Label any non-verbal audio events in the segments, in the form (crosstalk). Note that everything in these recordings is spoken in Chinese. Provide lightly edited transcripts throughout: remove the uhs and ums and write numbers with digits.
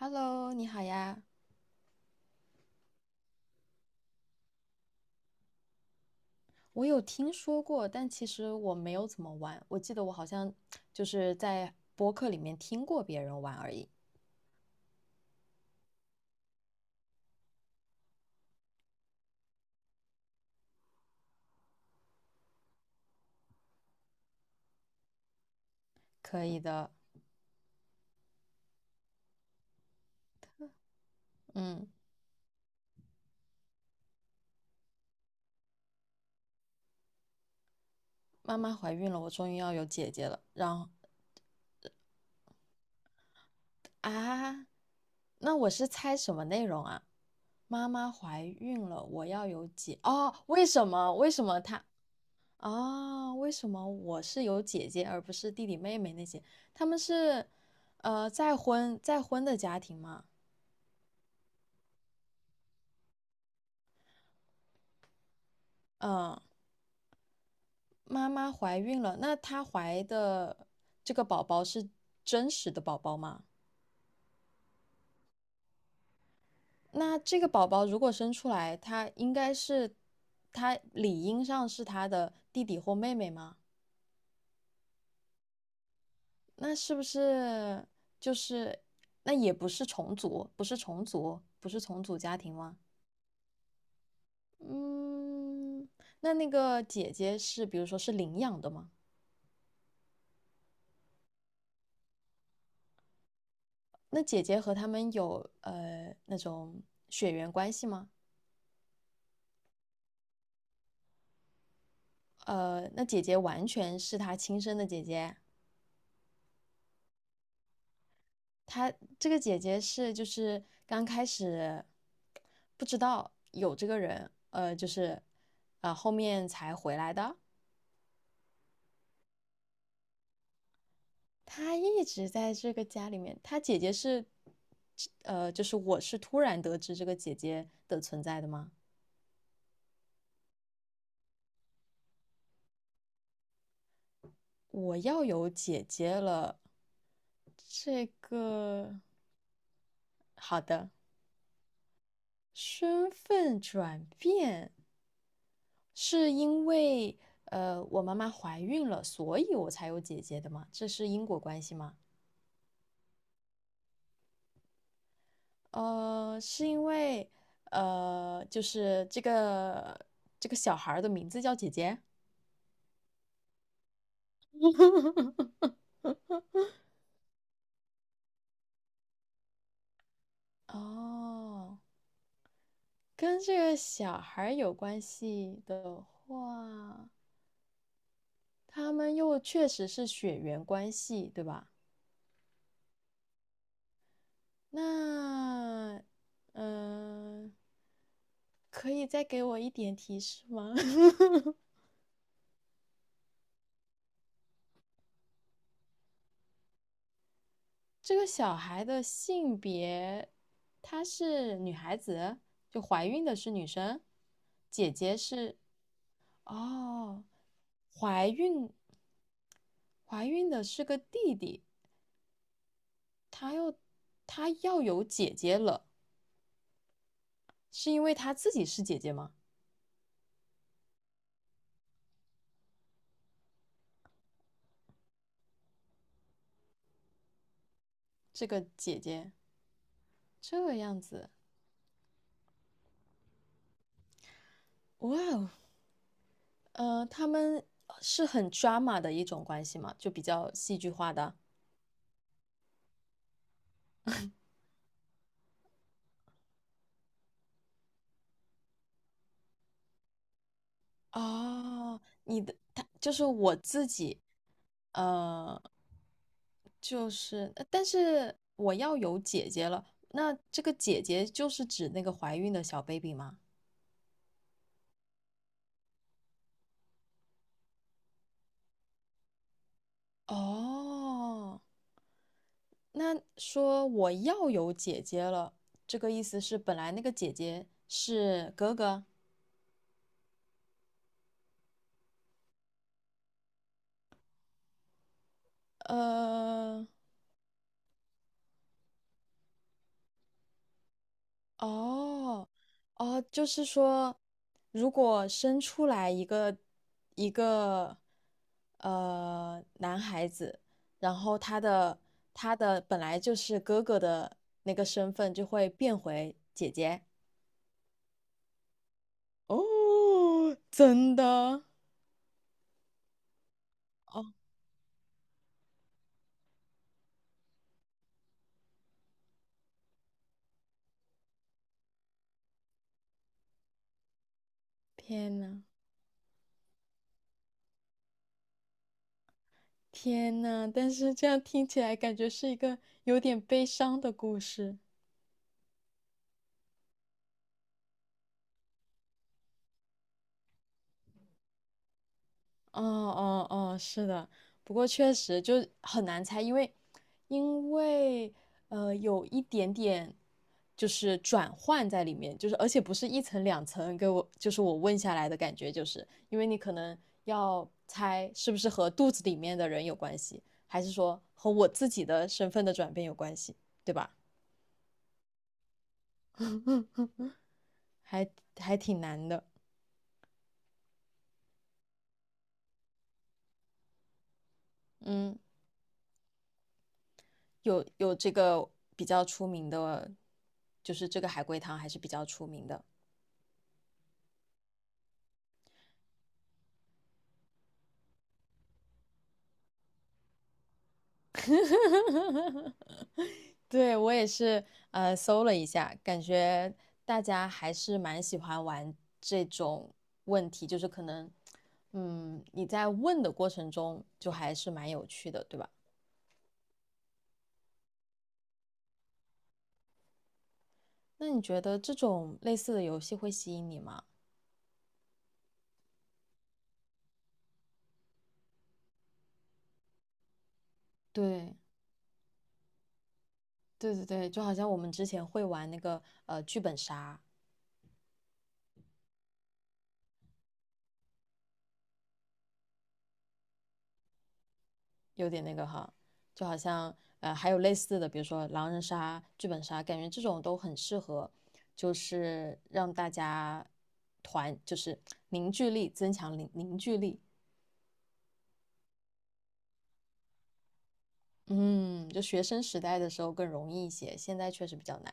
Hello，你好呀。我有听说过，但其实我没有怎么玩。我记得我好像就是在播客里面听过别人玩而已。可以的，嗯，妈妈怀孕了，我终于要有姐姐了。然后啊，那我是猜什么内容啊？妈妈怀孕了，我要有姐。哦，为什么？为什么她？啊，为什么我是有姐姐而不是弟弟妹妹那些？他们是再婚的家庭吗？嗯，妈妈怀孕了，那她怀的这个宝宝是真实的宝宝吗？那这个宝宝如果生出来，他应该是，他理应上是他的弟弟或妹妹吗？那是不是就是，那也不是重组，不是重组家庭吗？嗯，那那个姐姐是，比如说是领养的吗？那姐姐和他们有那种血缘关系吗？那姐姐完全是他亲生的姐姐。她这个姐姐是就是刚开始不知道有这个人，就是后面才回来的。她一直在这个家里面。她姐姐是，就是我是突然得知这个姐姐的存在的吗？我要有姐姐了，这个好的身份转变，是因为我妈妈怀孕了，所以我才有姐姐的吗？这是因果关系吗？是因为就是这个这个小孩儿的名字叫姐姐哦，跟这个小孩儿有关系的话，他们又确实是血缘关系，对吧？那嗯、呃可以再给我一点提示吗？(laughs) 这个小孩的性别，她是女孩子，就怀孕的是女生，姐姐是，哦，怀孕，怀孕的是个弟弟，她又，她要有姐姐了，是因为她自己是姐姐吗？这个姐姐这样子，哇哦，他们是很 drama 的一种关系嘛，就比较戏剧化的。哦，你的他就是我自己，呃，就是但是我要有姐姐了，那这个姐姐就是指那个怀孕的小 baby 吗？哦，那说我要有姐姐了，这个意思是本来那个姐姐是哥哥，呃，哦，哦，就是说，如果生出来一个一个男孩子，然后他的他的本来就是哥哥的那个身份就会变回姐姐。哦，真的？哦，天呐，天呐，但是这样听起来感觉是一个有点悲伤的故事。哦哦哦，是的，不过确实就很难猜，因为因为有一点点就是转换在里面，就是而且不是一层两层给我，就是我问下来的感觉，就是因为你可能要猜是不是和肚子里面的人有关系，还是说和我自己的身份的转变有关系，对吧？还还挺难的，嗯，有这个比较出名的，就是这个海龟汤还是比较出名的。(laughs) 对，我也是，搜了一下，感觉大家还是蛮喜欢玩这种问题，就是可能，嗯，你在问的过程中就还是蛮有趣的，对吧？那你觉得这种类似的游戏会吸引你吗？对，对对对，就好像我们之前会玩那个剧本杀，有点那个哈，就好像还有类似的，比如说狼人杀、剧本杀，感觉这种都很适合，就是让大家团，就是凝聚力增强凝聚力。嗯，就学生时代的时候更容易一些，现在确实比较难。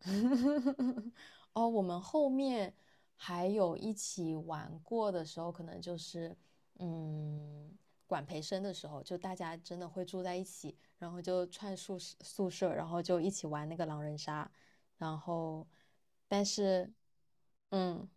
(laughs) 哦，我们后面还有一起玩过的时候，可能就是嗯，管培生的时候，就大家真的会住在一起，然后就串宿舍，然后就一起玩那个狼人杀，然后但是嗯，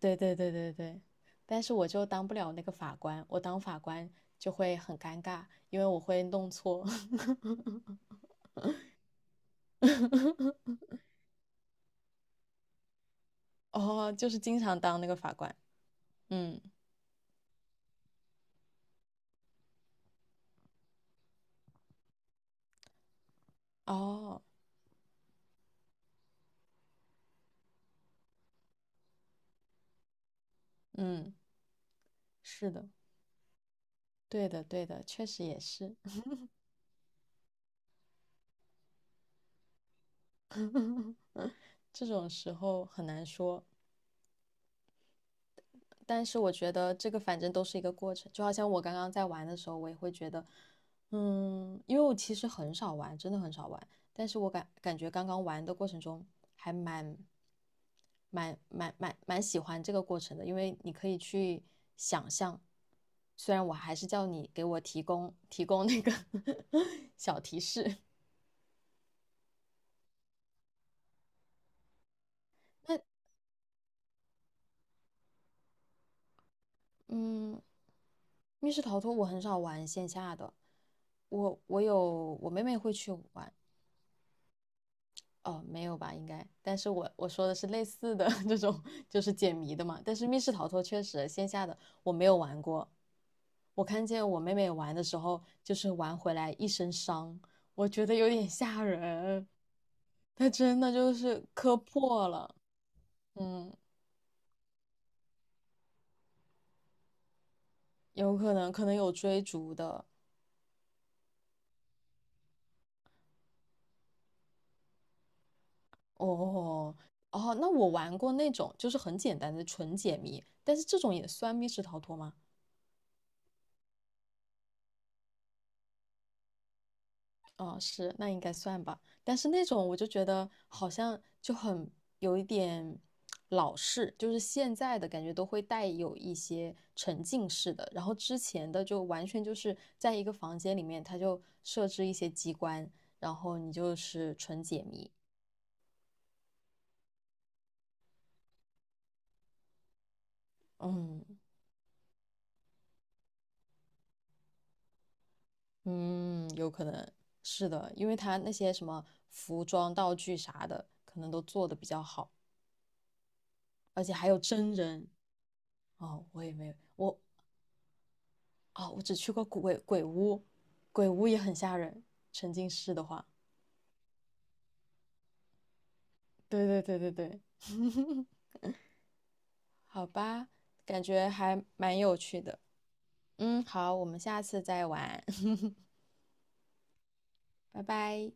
对对对对对，但是我就当不了那个法官，我当法官就会很尴尬，因为我会弄错，(laughs) 哦，就是经常当那个法官，嗯，哦。嗯，是的，对的，对的，确实也是，(laughs) 这种时候很难说。但是我觉得这个反正都是一个过程，就好像我刚刚在玩的时候，我也会觉得，嗯，因为我其实很少玩，真的很少玩，但是我感觉刚刚玩的过程中还蛮喜欢这个过程的，因为你可以去想象。虽然我还是叫你给我提供那个 (laughs) 小提示，那嗯，密室逃脱我很少玩线下的，我有我妹妹会去玩，哦，没有吧，应该，但是我说的是类似的 (laughs) 这种，就是解谜的嘛。但是密室逃脱确实线下的我没有玩过，我看见我妹妹玩的时候，就是玩回来一身伤，我觉得有点吓人，她真的就是磕破了，嗯，有可能有追逐的。哦哦，那我玩过那种就是很简单的纯解谜，但是这种也算密室逃脱吗？哦，是，那应该算吧。但是那种我就觉得好像就很有一点老式，就是现在的感觉都会带有一些沉浸式的，然后之前的就完全就是在一个房间里面，它就设置一些机关，然后你就是纯解谜。嗯。嗯，有可能是的，因为他那些什么服装、道具啥的，可能都做的比较好，而且还有真人。哦，我也没有，哦，我只去过鬼屋，鬼屋也很吓人，沉浸式的话。对对对对对，好吧，感觉还蛮有趣的。嗯，好，我们下次再玩，(laughs) 拜拜。